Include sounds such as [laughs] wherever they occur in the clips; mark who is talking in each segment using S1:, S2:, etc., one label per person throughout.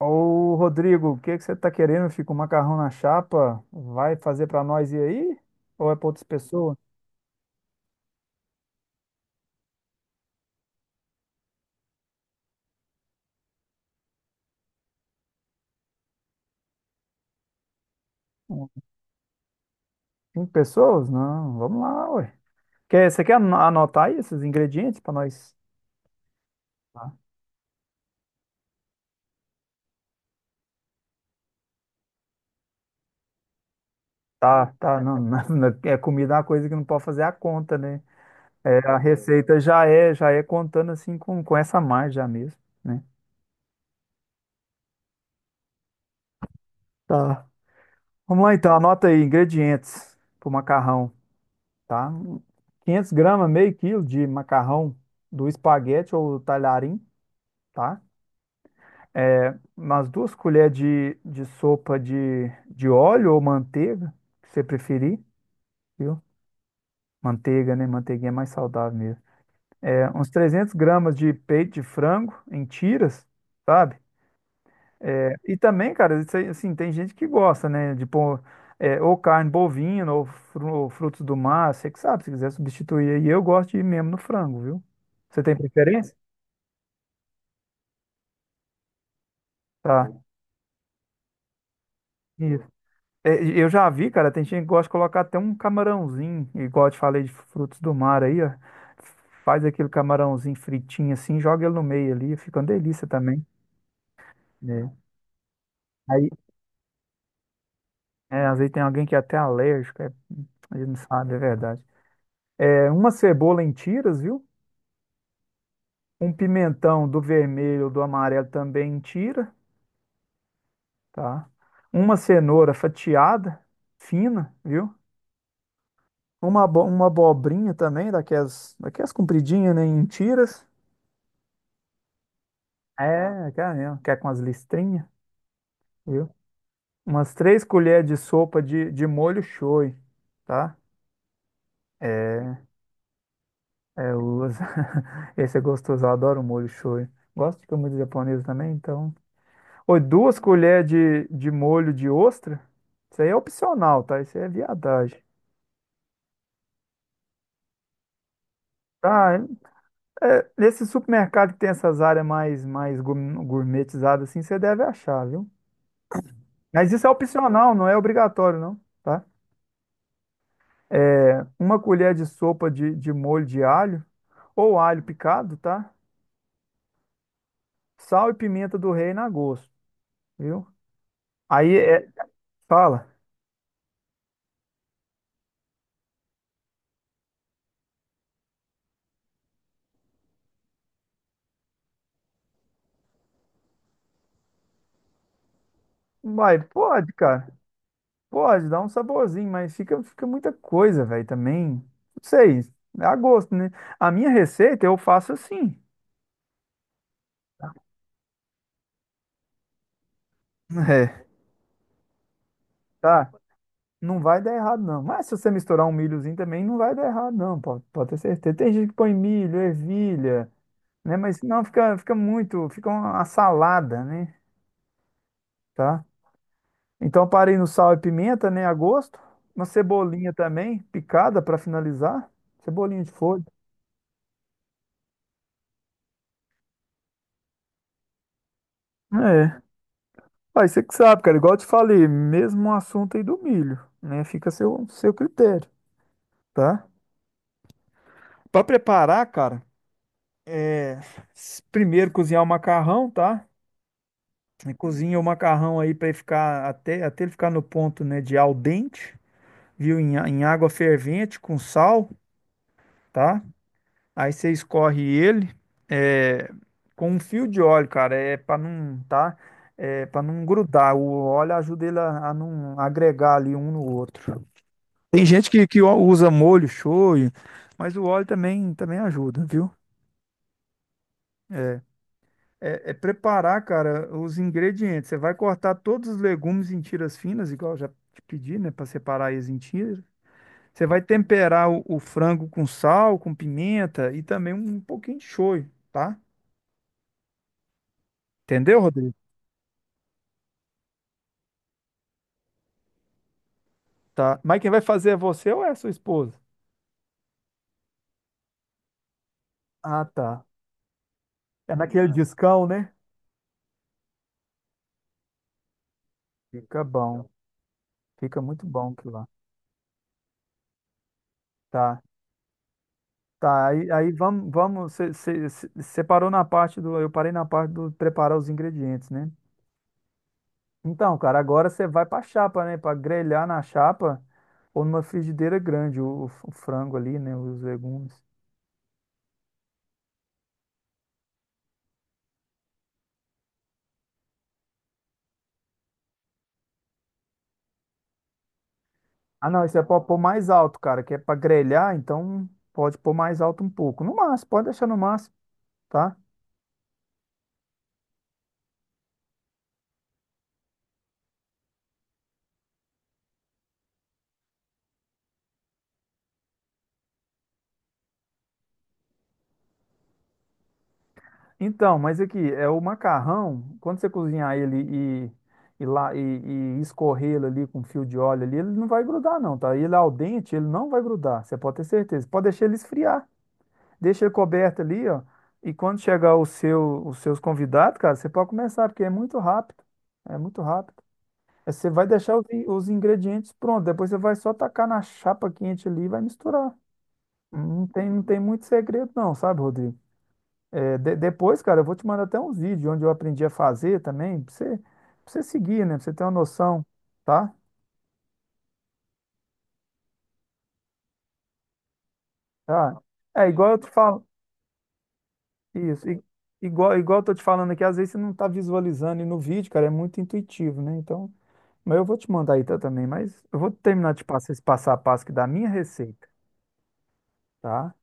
S1: Ô, Rodrigo, o que que você tá querendo? Fica um macarrão na chapa? Vai fazer pra nós ir aí? Ou é pra outras pessoas? Hum, Cinco pessoas? Não, vamos lá, ué. Você quer anotar aí esses ingredientes pra nós? Tá, tá, tá, não, [laughs] não, não, é comida é uma coisa que não pode fazer a conta, né? É, a receita já é contando assim com essa margem já mesmo, né? Tá. Vamos lá então, anota aí ingredientes pro macarrão. Tá? 500 gramas, meio quilo de macarrão do espaguete ou talharim, tá? É, umas 2 colheres de sopa de óleo ou manteiga, que você preferir, viu? Manteiga, né? Manteiguinha é mais saudável mesmo. É, uns 300 gramas de peito de frango em tiras, sabe? E também, cara, isso aí, assim, tem gente que gosta, né? De pôr ou carne bovina ou frutos do mar, você que sabe, se quiser substituir aí, eu gosto de ir mesmo no frango, viu? Você tem preferência? Tá, isso. É, e eu já vi, cara, tem gente que gosta de colocar até um camarãozinho, igual eu te falei de frutos do mar aí, ó. Faz aquele camarãozinho fritinho assim, joga ele no meio ali, fica uma delícia também. Né? Aí, às vezes tem alguém que é até alérgico, ele não sabe, é verdade. É uma cebola em tiras, viu? Um pimentão do vermelho, do amarelo também em tira, tá? Uma cenoura fatiada, fina, viu? Uma abobrinha também, daquelas compridinhas, né? Em tiras. É, aquela mesmo, que é com as listrinhas, viu? Umas 3 colheres de sopa de molho shoyu, tá? É, eu uso. [laughs] Esse é gostoso, eu adoro molho shoyu. Gosto de comida japonesa também, então. Oi, 2 colheres de molho de ostra. Isso aí é opcional, tá? Isso aí é viadagem. Ah, nesse supermercado que tem essas áreas mais gourmetizadas assim, você deve achar, viu? Mas isso é opcional, não é obrigatório, não, tá? É, uma colher de sopa de molho de alho, ou alho picado, tá? Sal e pimenta do reino a gosto, viu? Aí fala, vai, pode, cara, pode, dá um saborzinho, mas fica muita coisa, velho, também. Não sei, é a gosto, né? A minha receita eu faço assim, [laughs] é, tá? Não vai dar errado, não. Mas se você misturar um milhozinho também, não vai dar errado, não, pode, ter certeza. Tem gente que põe milho, ervilha. Né? Mas não, fica muito, fica uma salada, né? Tá? Então eu parei no sal e pimenta, né? A gosto. Uma cebolinha também, picada para finalizar. Cebolinha de folha. É. Aí você que sabe, cara. Igual eu te falei, mesmo assunto aí do milho, né? Fica a seu critério, tá? Para preparar, cara, é... primeiro cozinhar o macarrão, tá? Cozinha o macarrão aí para ele ficar até ele ficar no ponto, né, de al dente, viu? Em água fervente com sal, tá? Aí você escorre ele é, com um fio de óleo, cara, é para não, tá? É para não grudar. O óleo ajuda ele a não agregar ali um no outro. Tem gente que usa molho shoyu, mas o óleo também ajuda, viu? É, é, preparar, cara, os ingredientes. Você vai cortar todos os legumes em tiras finas, igual eu já te pedi, né, para separar eles em tiras. Você vai temperar o frango com sal, com pimenta e também um pouquinho de shoyu, tá? Entendeu, Rodrigo? Tá. Mas quem vai fazer é você ou é a sua esposa? Ah, tá. É naquele discão, né? Fica bom. Fica muito bom aquilo lá. Tá. Tá. Aí vamos, vamos. Você parou na parte do. Eu parei na parte do preparar os ingredientes, né? Então, cara, agora você vai pra chapa, né? Pra grelhar na chapa ou numa frigideira grande o frango ali, né? Os legumes. Ah, não. Isso é pra pôr mais alto, cara. Que é pra grelhar, então pode pôr mais alto um pouco. No máximo, pode deixar no máximo, tá? Então, mas aqui, é o macarrão, quando você cozinhar ele e, lá, e escorrer ele ali com fio de óleo ali, ele não vai grudar não, tá? Ele ao dente, ele não vai grudar, você pode ter certeza. Pode deixar ele esfriar, deixa ele coberto ali, ó, e quando chegar os seus convidados, cara, você pode começar, porque é muito rápido, é muito rápido. É, você vai deixar os ingredientes prontos, depois você vai só tacar na chapa quente ali e vai misturar. Não tem muito segredo não, sabe, Rodrigo? É, depois, cara, eu vou te mandar até uns vídeos onde eu aprendi a fazer também, pra você seguir, né? Pra você ter uma noção, tá? Tá. É igual eu te falo, isso, igual eu tô te falando aqui, às vezes você não tá visualizando e no vídeo, cara, é muito intuitivo, né? Então, mas eu vou te mandar aí tá, também, mas eu vou terminar de passar esse passo a passo aqui da minha receita, tá?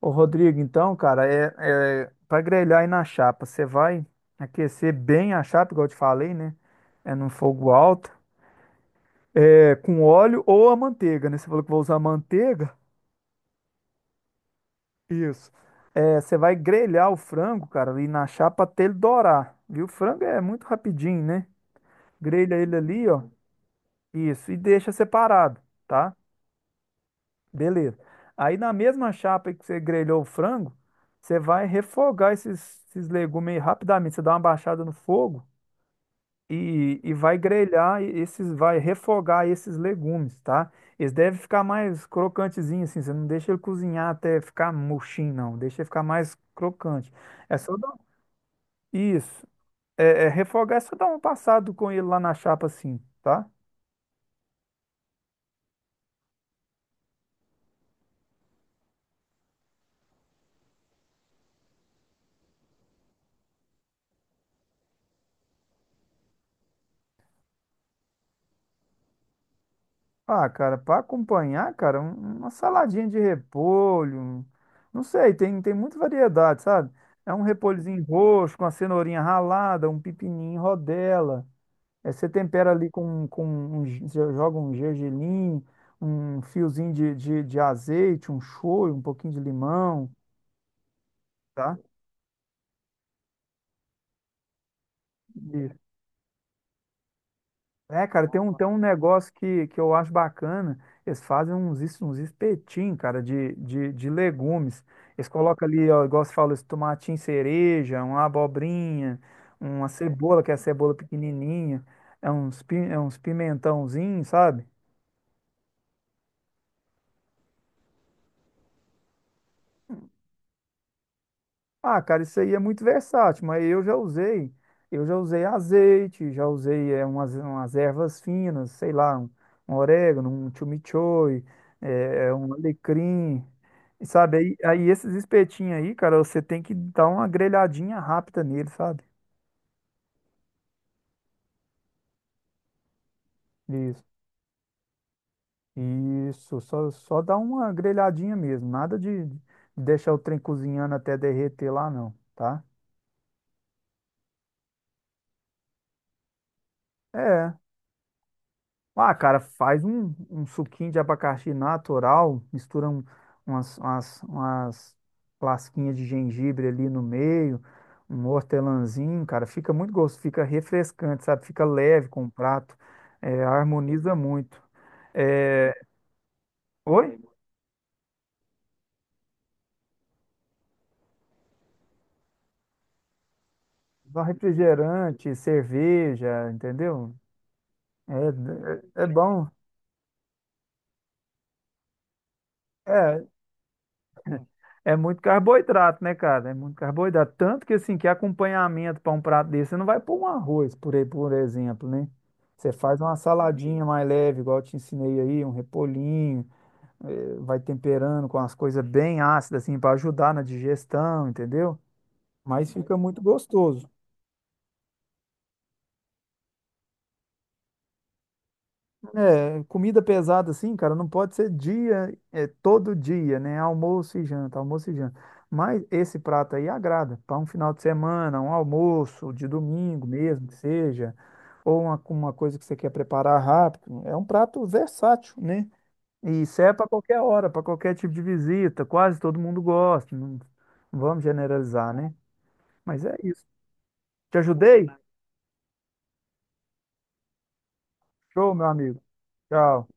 S1: Ô, Rodrigo, então, cara, é para grelhar aí na chapa, você vai aquecer bem a chapa, igual eu te falei, né? É num fogo alto. É, com óleo ou a manteiga, né? Você falou que vai usar manteiga? Isso. É, você vai grelhar o frango, cara, ali na chapa até ele dourar, viu? O frango é muito rapidinho, né? Grelha ele ali, ó. Isso. E deixa separado, tá? Beleza. Aí na mesma chapa aí que você grelhou o frango, você vai refogar esses legumes aí rapidamente. Você dá uma baixada no fogo e vai refogar esses legumes, tá? Eles devem ficar mais crocantezinhos assim, você não deixa ele cozinhar até ficar murchinho, não, deixa ele ficar mais crocante. É só dar... um, Isso, é refogar, é só dar um passado com ele lá na chapa assim, tá? Ah, cara, para acompanhar, cara, uma saladinha de repolho, não sei, tem muita variedade, sabe? É um repolhozinho roxo com a cenourinha ralada, um pepininho em rodela. É, você tempera ali com você joga um gergelim, um fiozinho de azeite, um shoyu, um pouquinho de limão, tá? Isso. É, cara, tem um negócio que eu acho bacana. Eles fazem uns espetinhos, cara, de legumes. Eles colocam ali, ó, igual você falou, esse tomatinho cereja, uma abobrinha, uma cebola, que é a cebola pequenininha, é uns pimentãozinhos, sabe? Ah, cara, isso aí é muito versátil, mas eu já usei azeite, já usei umas ervas finas, sei lá, um orégano, um chimichurri, um alecrim, e sabe? Aí esses espetinhos aí, cara, você tem que dar uma grelhadinha rápida nele, sabe? Isso, isso, só dá uma grelhadinha mesmo, nada de deixar o trem cozinhando até derreter lá, não, tá? É. Ah, cara, faz um suquinho de abacaxi natural, mistura umas lasquinhas de gengibre ali no meio, um hortelãzinho, cara, fica muito gostoso, fica refrescante, sabe? Fica leve com o prato, harmoniza muito. É, oi? Só refrigerante, cerveja, entendeu? É, é bom. É, é muito carboidrato, né, cara? É muito carboidrato. Tanto que, assim, que acompanhamento para um prato desse, você não vai pôr um arroz, por aí, por exemplo, né? Você faz uma saladinha mais leve, igual eu te ensinei aí, um repolhinho, vai temperando com as coisas bem ácidas, assim, para ajudar na digestão, entendeu? Mas fica muito gostoso. É, comida pesada assim, cara, não pode ser dia, todo dia, né? Almoço e janta, almoço e janta. Mas esse prato aí agrada para um final de semana, um almoço de domingo mesmo, que seja, ou uma coisa que você quer preparar rápido. É um prato versátil, né? E serve para qualquer hora, para qualquer tipo de visita. Quase todo mundo gosta. Não, não vamos generalizar, né? Mas é isso. Te ajudei? Show, meu amigo. Tchau.